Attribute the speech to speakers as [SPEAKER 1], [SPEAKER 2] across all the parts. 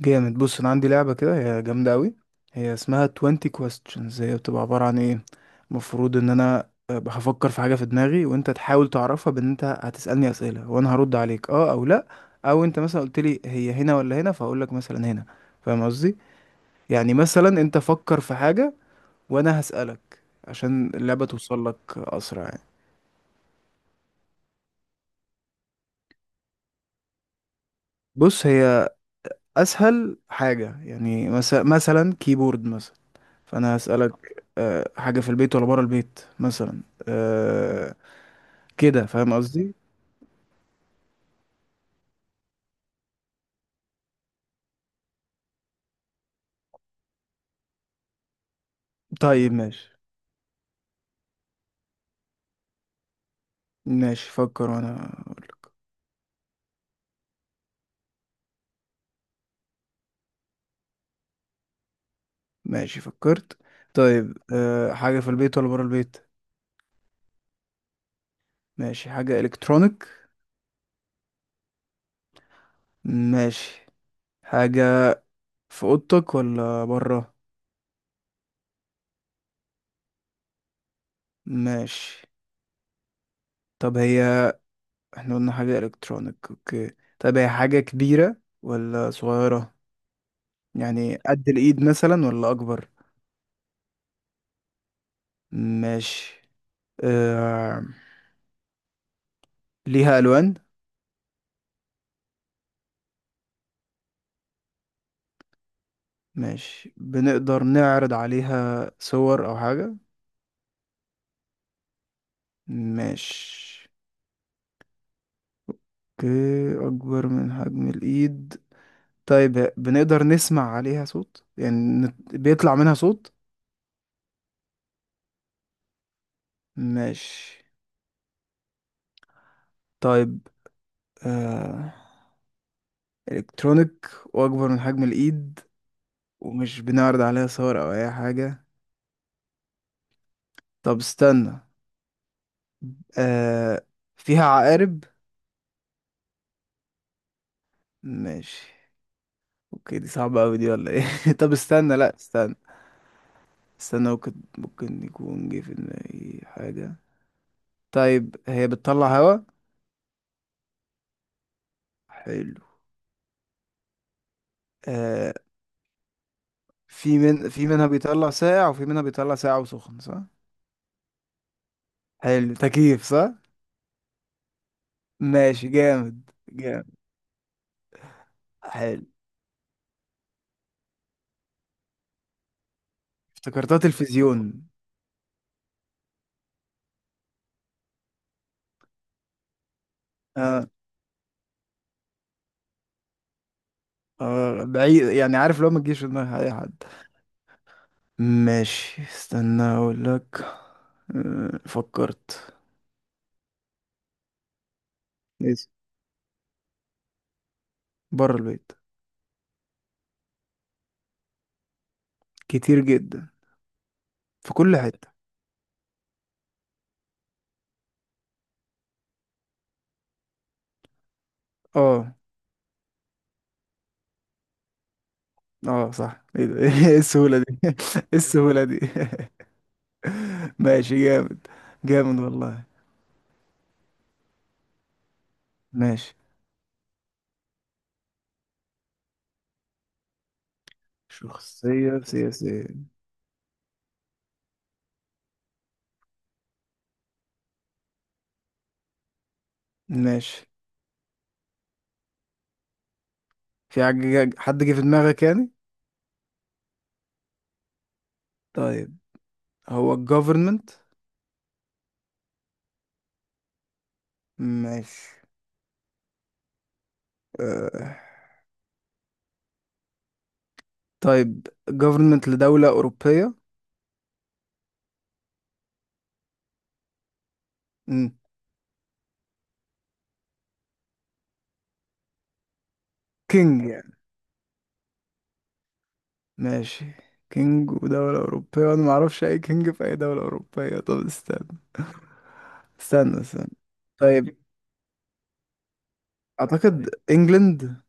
[SPEAKER 1] جامد. بص انا عندي لعبه كده، هي جامده قوي. هي اسمها 20 questions. هي بتبقى عباره عن ايه؟ المفروض ان انا هفكر في حاجه في دماغي وانت تحاول تعرفها، بان انت هتسالني اسئله وانا هرد عليك اه او لا. او انت مثلا قلت لي هي هنا ولا هنا، فاقول لك مثلا هنا. فاهم قصدي؟ يعني مثلا انت فكر في حاجه وانا هسالك، عشان اللعبه توصل لك اسرع يعني. بص، هي اسهل حاجه، يعني مثلا كيبورد مثلا. فانا هسألك حاجة في البيت ولا بره البيت مثلا كده. فاهم قصدي؟ طيب ماشي. ماشي فكر وانا أقول. ماشي فكرت. طيب حاجة في البيت ولا بره البيت؟ ماشي. حاجة الكترونيك. ماشي. حاجة في اوضتك ولا بره؟ ماشي. طب هي، احنا قلنا حاجة الكترونيك اوكي. طب هي حاجة كبيرة ولا صغيرة؟ يعني قد الايد مثلا ولا اكبر؟ ماشي. أه، ليها ألوان؟ ماشي. بنقدر نعرض عليها صور أو حاجة؟ ماشي. اوكي، أكبر من حجم الإيد. طيب بنقدر نسمع عليها صوت يعني؟ بيطلع منها صوت؟ ماشي. طيب آه... إلكترونيك وأكبر من حجم الإيد ومش بنعرض عليها صور أو أي حاجة. طب استنى آه... فيها عقارب؟ ماشي. اوكي دي صعبة أوي دي ولا ايه؟ طب استنى، لأ، استنى استنى. ممكن يكون جه في دماغي حاجة. طيب هي بتطلع هوا؟ حلو. آه، في منها بيطلع ساقع وفي منها بيطلع ساقع وسخن، صح؟ حلو، تكييف صح. ماشي، جامد. حلو. افتكرتها تلفزيون. اه. اه، بعيد يعني، عارف لو ما تجيش في دماغ اي حد. ماشي استنى اقول لك. آه، فكرت. يس، بره البيت. كتير جدا، في كل حتة. اه. اه صح. ايه ده؟ ايه السهولة دي؟ ايه السهولة دي؟ ماشي جامد. جامد والله. ماشي شخصية سياسية. ماشي. في حاجة حد جه في دماغك يعني؟ طيب هو الجوفرمنت؟ ماشي. آه. طيب جوفرمنت لدولة أوروبية؟ مم. كينج يعني؟ ماشي. كينج ودولة أوروبية، وأنا معرفش أي كينج في أي دولة أوروبية. طب استنى استنى استنى. طيب أعتقد إنجلند.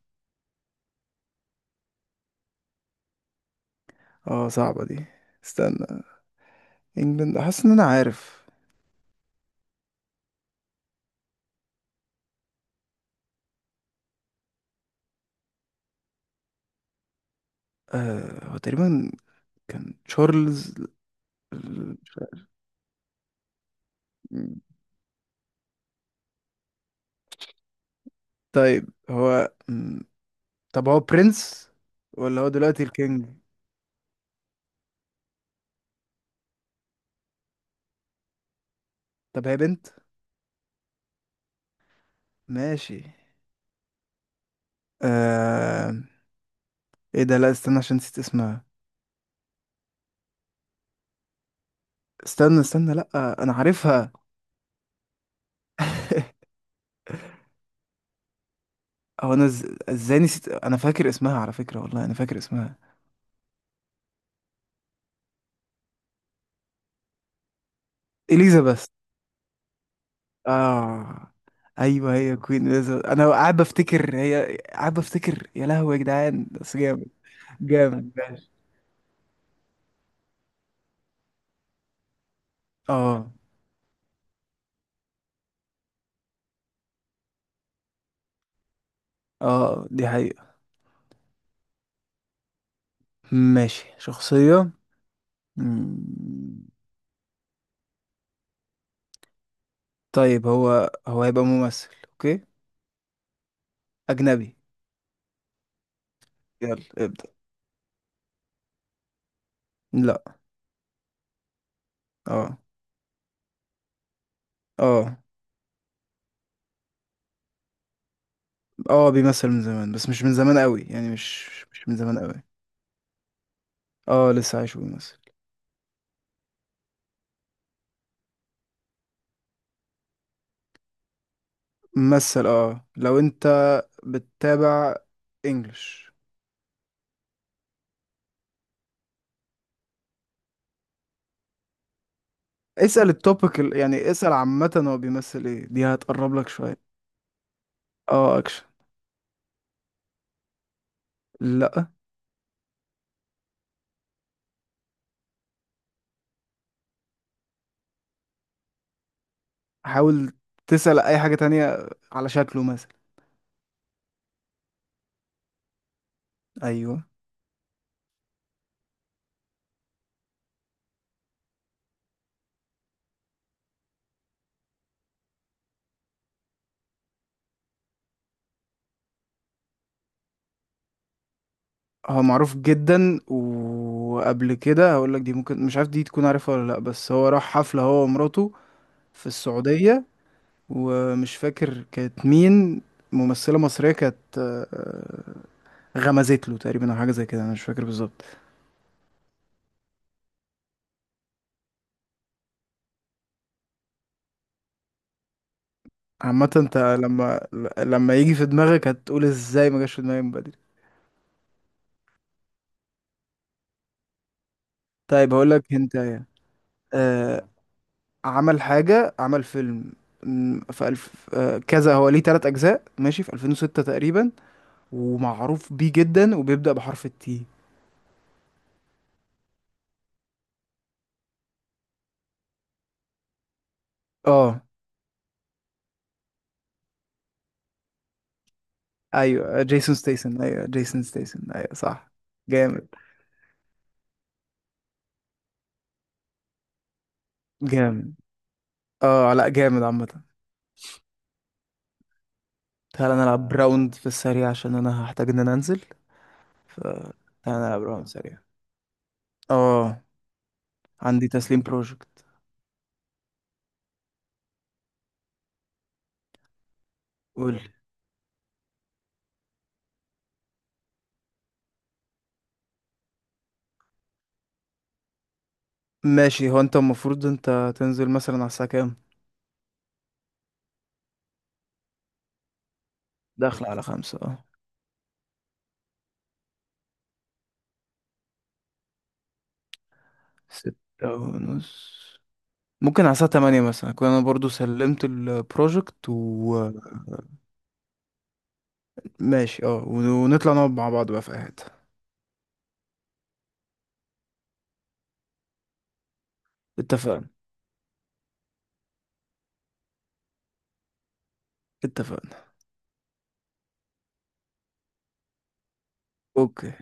[SPEAKER 1] اه، صعبة دي، استنى. انجلاند، حاسس ان انا عارف. آه، هو تقريبا كان تشارلز. ال- طيب هو م، طب هو برنس ولا هو دلوقتي الكينج؟ طب هي بنت؟ ماشي. آه، ايه ده، لا استنى، عشان نسيت اسمها. استنى لا، انا عارفها. هو انا ازاي نسيت؟ انا فاكر اسمها على فكرة، والله انا فاكر اسمها. اليزابيث. اه ايوه، هي كوين اليزابيث. انا قاعد بفتكر، هي قاعد بفتكر، يا لهوي يا جدعان، بس جامد. جامد. ماشي. اه. اه دي حقيقة. ماشي شخصية. مم. طيب هو هيبقى ممثل، اوكي. اجنبي. يلا ابدأ. لا. اه. اه. اه، بيمثل من زمان بس مش من زمان قوي، يعني مش من زمان قوي. اه، لسه عايش وبيمثل. ممثل. اه، لو انت بتتابع انجلش. اسأل التوبيك يعني اسأل عامة هو بيمثل ايه، دي هتقرب لك شوية. اه، اكشن. لا، حاول تسأل اي حاجة تانية على شكله مثلا. ايوه. هو معروف جدا، وقبل كده هقول لك دي ممكن مش عارف دي تكون عارفها ولا لا، بس هو راح حفلة هو ومراته في السعودية، ومش فاكر كانت مين، ممثلة مصرية كانت غمزت له تقريبا او حاجة زي كده، انا مش فاكر بالظبط. عامة انت لما لما يجي في دماغك هتقول ازاي ما جاش في دماغي من بدري. طيب هقول لك، انت عمل حاجة، عمل فيلم في ألف كذا، هو ليه تلات أجزاء ماشي، في 2006 تقريبا، ومعروف بيه جدا، وبيبدأ بحرف التي. اه ايوه، جيسون ستيسن، ايوه جيسون ستيسن، ايوه صح. جامد. جامد. اه لا، جامد عامة. تعالى نلعب راوند في السريع عشان انا هحتاج ان انا انزل. ف، تعالى نلعب راوند سريع. اه عندي تسليم بروجكت. قول. ماشي. هو انت المفروض انت تنزل مثلا على الساعة كام؟ داخل على 5 اه. 6:30. ممكن على الساعة 8 مثلا أكون أنا برضو سلمت البروجكت وماشي. اه، ونطلع نقعد مع بعض بقى في قعدة. اتفقنا. اتفقنا. اوكي